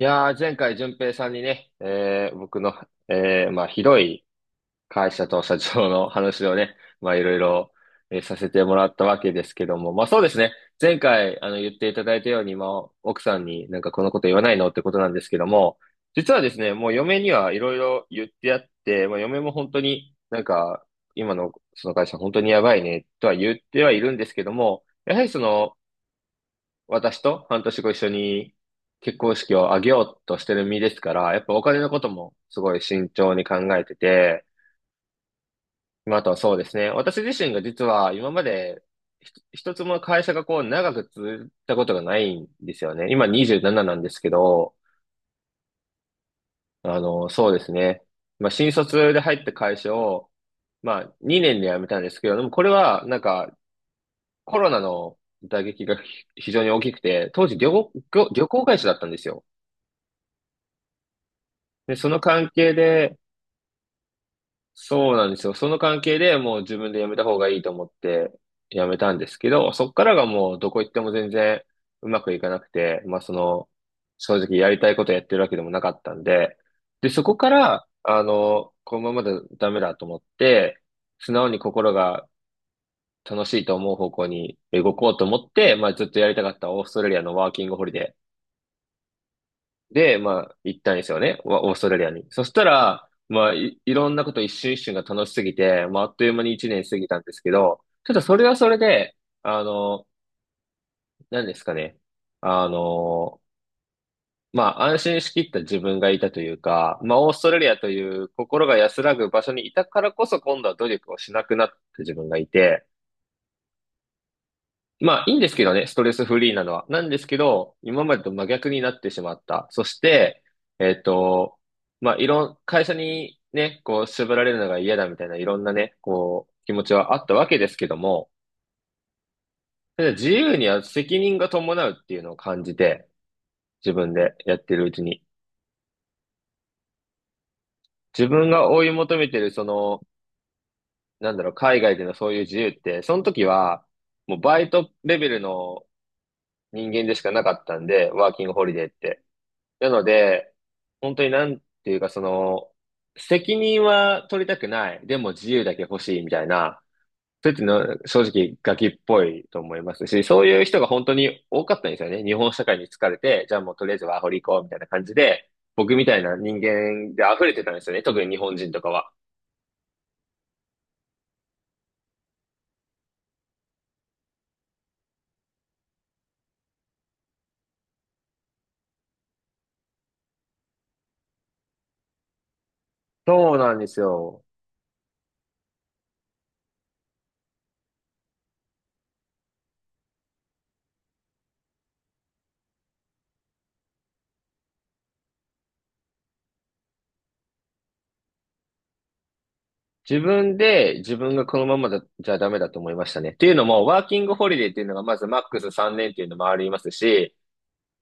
前回、淳平さんにね、僕の、まあ、ひどい会社と社長の話をね、まあ、いろいろ、させてもらったわけですけども、まあ、そうですね。前回、あの、言っていただいたように、まあ、奥さんになんかこのこと言わないのってことなんですけども、実はですね、もう嫁にはいろいろ言ってやって、まあ、嫁も本当になんか、今のその会社本当にやばいね、とは言ってはいるんですけども、やはりその、私と半年後一緒に結婚式を挙げようとしてる身ですから、やっぱお金のこともすごい慎重に考えてて、まああとはそうですね。私自身が実は今までひと一つも会社がこう長く続いたことがないんですよね。今27なんですけど、あの、そうですね。まあ新卒で入った会社を、まあ2年で辞めたんですけど、でもこれはなんかコロナの打撃が非常に大きくて、当時旅行会社だったんですよ。で、その関係で、そうなんですよ。その関係でもう自分で辞めた方がいいと思って辞めたんですけど、そっからがもうどこ行っても全然うまくいかなくて、まあその、正直やりたいことやってるわけでもなかったんで、で、そこから、あの、このままだとダメだと思って、素直に心が楽しいと思う方向に動こうと思って、まあずっとやりたかったオーストラリアのワーキングホリデーで、まあ、行ったんですよね。オーストラリアに。そしたら、まあ、いろんなこと一瞬一瞬が楽しすぎて、まあ、あっという間に一年過ぎたんですけど、ちょっとそれはそれで、あの、何ですかね。あの、まあ、安心しきった自分がいたというか、まあ、オーストラリアという心が安らぐ場所にいたからこそ今度は努力をしなくなった自分がいて、まあ、いいんですけどね、ストレスフリーなのは。なんですけど、今までと真逆になってしまった。そして、えっと、まあ、いろん、会社にね、こう、縛られるのが嫌だみたいな、いろんなね、こう、気持ちはあったわけですけども、ただ自由には責任が伴うっていうのを感じて、自分でやってるうちに。自分が追い求めてる、その、なんだろう、海外でのそういう自由って、その時は、もうバイトレベルの人間でしかなかったんで、ワーキングホリデーって。なので、本当になんていうか、その、責任は取りたくない。でも自由だけ欲しいみたいな、そういうの正直ガキっぽいと思いますし、そういう人が本当に多かったんですよね。日本社会に疲れて、じゃあもうとりあえずワーホリ行こうみたいな感じで、僕みたいな人間で溢れてたんですよね。特に日本人とかは。そうなんですよ。自分で自分がこのままだ、じゃダメだと思いましたね。っていうのも、ワーキングホリデーっていうのがまずマックス3年っていうのもありますし、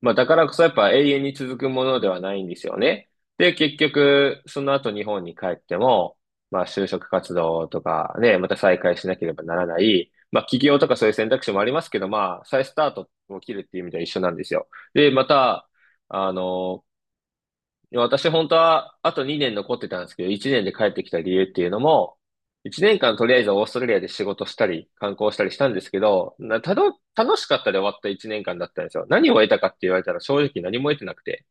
まあ、だからこそやっぱ永遠に続くものではないんですよね。で、結局、その後日本に帰っても、まあ、就職活動とかね、また再開しなければならない。まあ、起業とかそういう選択肢もありますけど、まあ、再スタートを切るっていう意味では一緒なんですよ。で、また、あの、いや私本当はあと2年残ってたんですけど、1年で帰ってきた理由っていうのも、1年間とりあえずオーストラリアで仕事したり、観光したりしたんですけど、なたど、楽しかったで終わった1年間だったんですよ。何を得たかって言われたら正直何も得てなくて。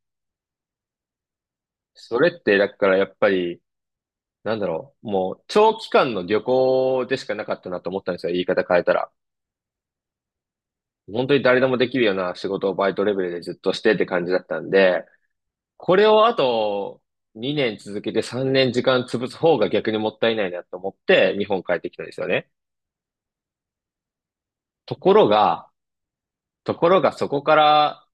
それってだからやっぱり、なんだろう、もう長期間の旅行でしかなかったなと思ったんですよ。言い方変えたら。本当に誰でもできるような仕事をバイトレベルでずっとしてって感じだったんで、これをあと2年続けて3年時間潰す方が逆にもったいないなと思って日本帰ってきたんですよね。ところが、ところがそこから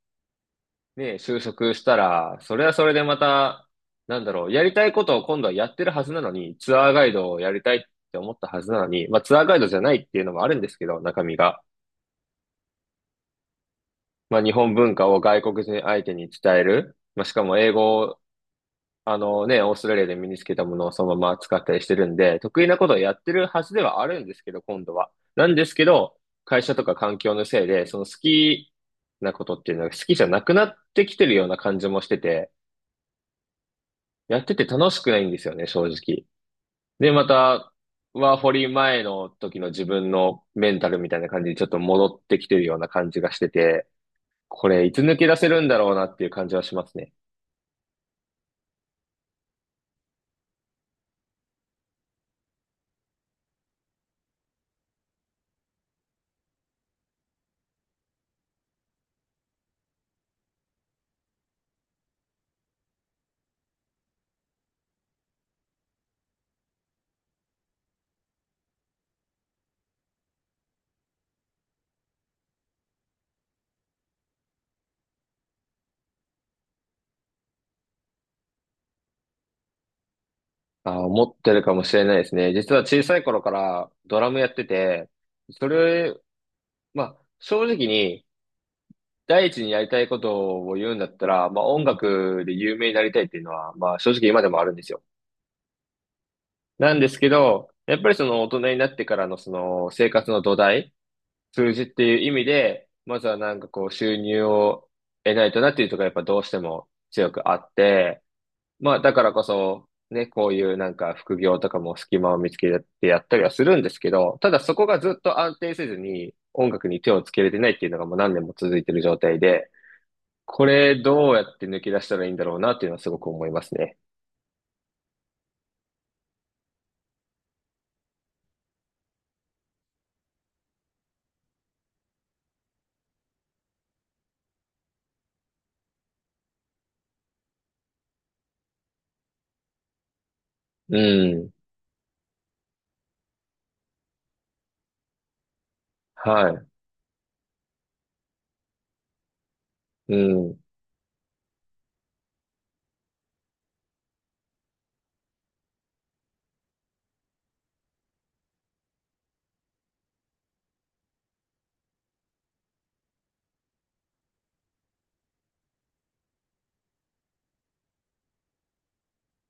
ね、就職したら、それはそれでまた、なんだろう、やりたいことを今度はやってるはずなのに、ツアーガイドをやりたいって思ったはずなのに、まあツアーガイドじゃないっていうのもあるんですけど、中身が。まあ日本文化を外国人相手に伝える。まあしかも英語あのね、オーストラリアで身につけたものをそのまま使ったりしてるんで、得意なことをやってるはずではあるんですけど、今度は。なんですけど、会社とか環境のせいで、その好きなことっていうのが好きじゃなくなってきてるような感じもしてて、やってて楽しくないんですよね、正直。で、また、ワーホリ前の時の自分のメンタルみたいな感じにちょっと戻ってきてるような感じがしてて、これいつ抜け出せるんだろうなっていう感じはしますね。あ、思ってるかもしれないですね。実は小さい頃からドラムやってて、それ、まあ、正直に第一にやりたいことを言うんだったら、まあ、音楽で有名になりたいっていうのは、まあ、正直今でもあるんですよ。なんですけど、やっぱりその大人になってからのその生活の土台、数字っていう意味で、まずはなんかこう収入を得ないとなっていうところがやっぱどうしても強くあって、まあ、だからこそ、ね、こういうなんか副業とかも隙間を見つけてやったりはするんですけど、ただそこがずっと安定せずに音楽に手をつけれてないっていうのがもう何年も続いてる状態で、これどうやって抜け出したらいいんだろうなっていうのはすごく思いますね。うん。はい。うん。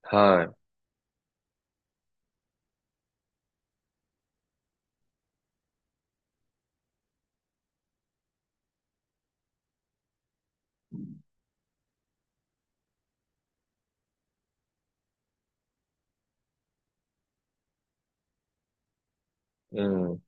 はい。うん。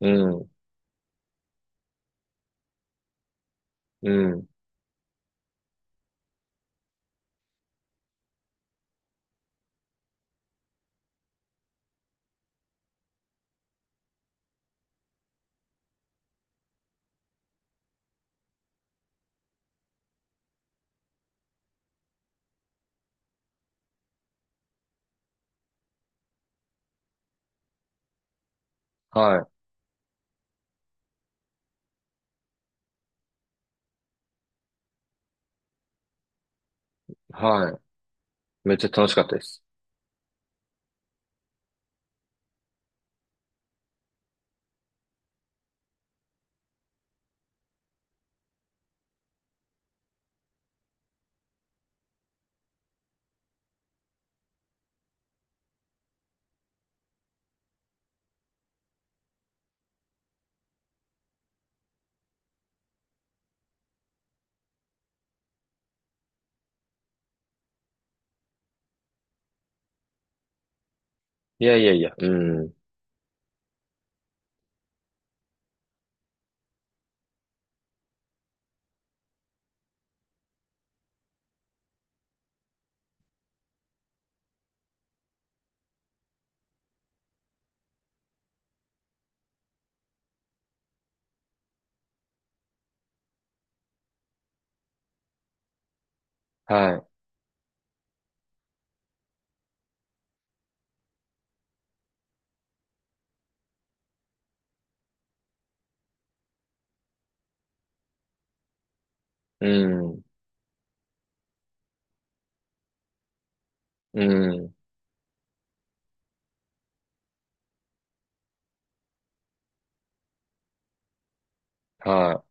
うん。うん。はい。はい。めっちゃ楽しかったです。いやいやいや。うん。はい。うん。うん。はい。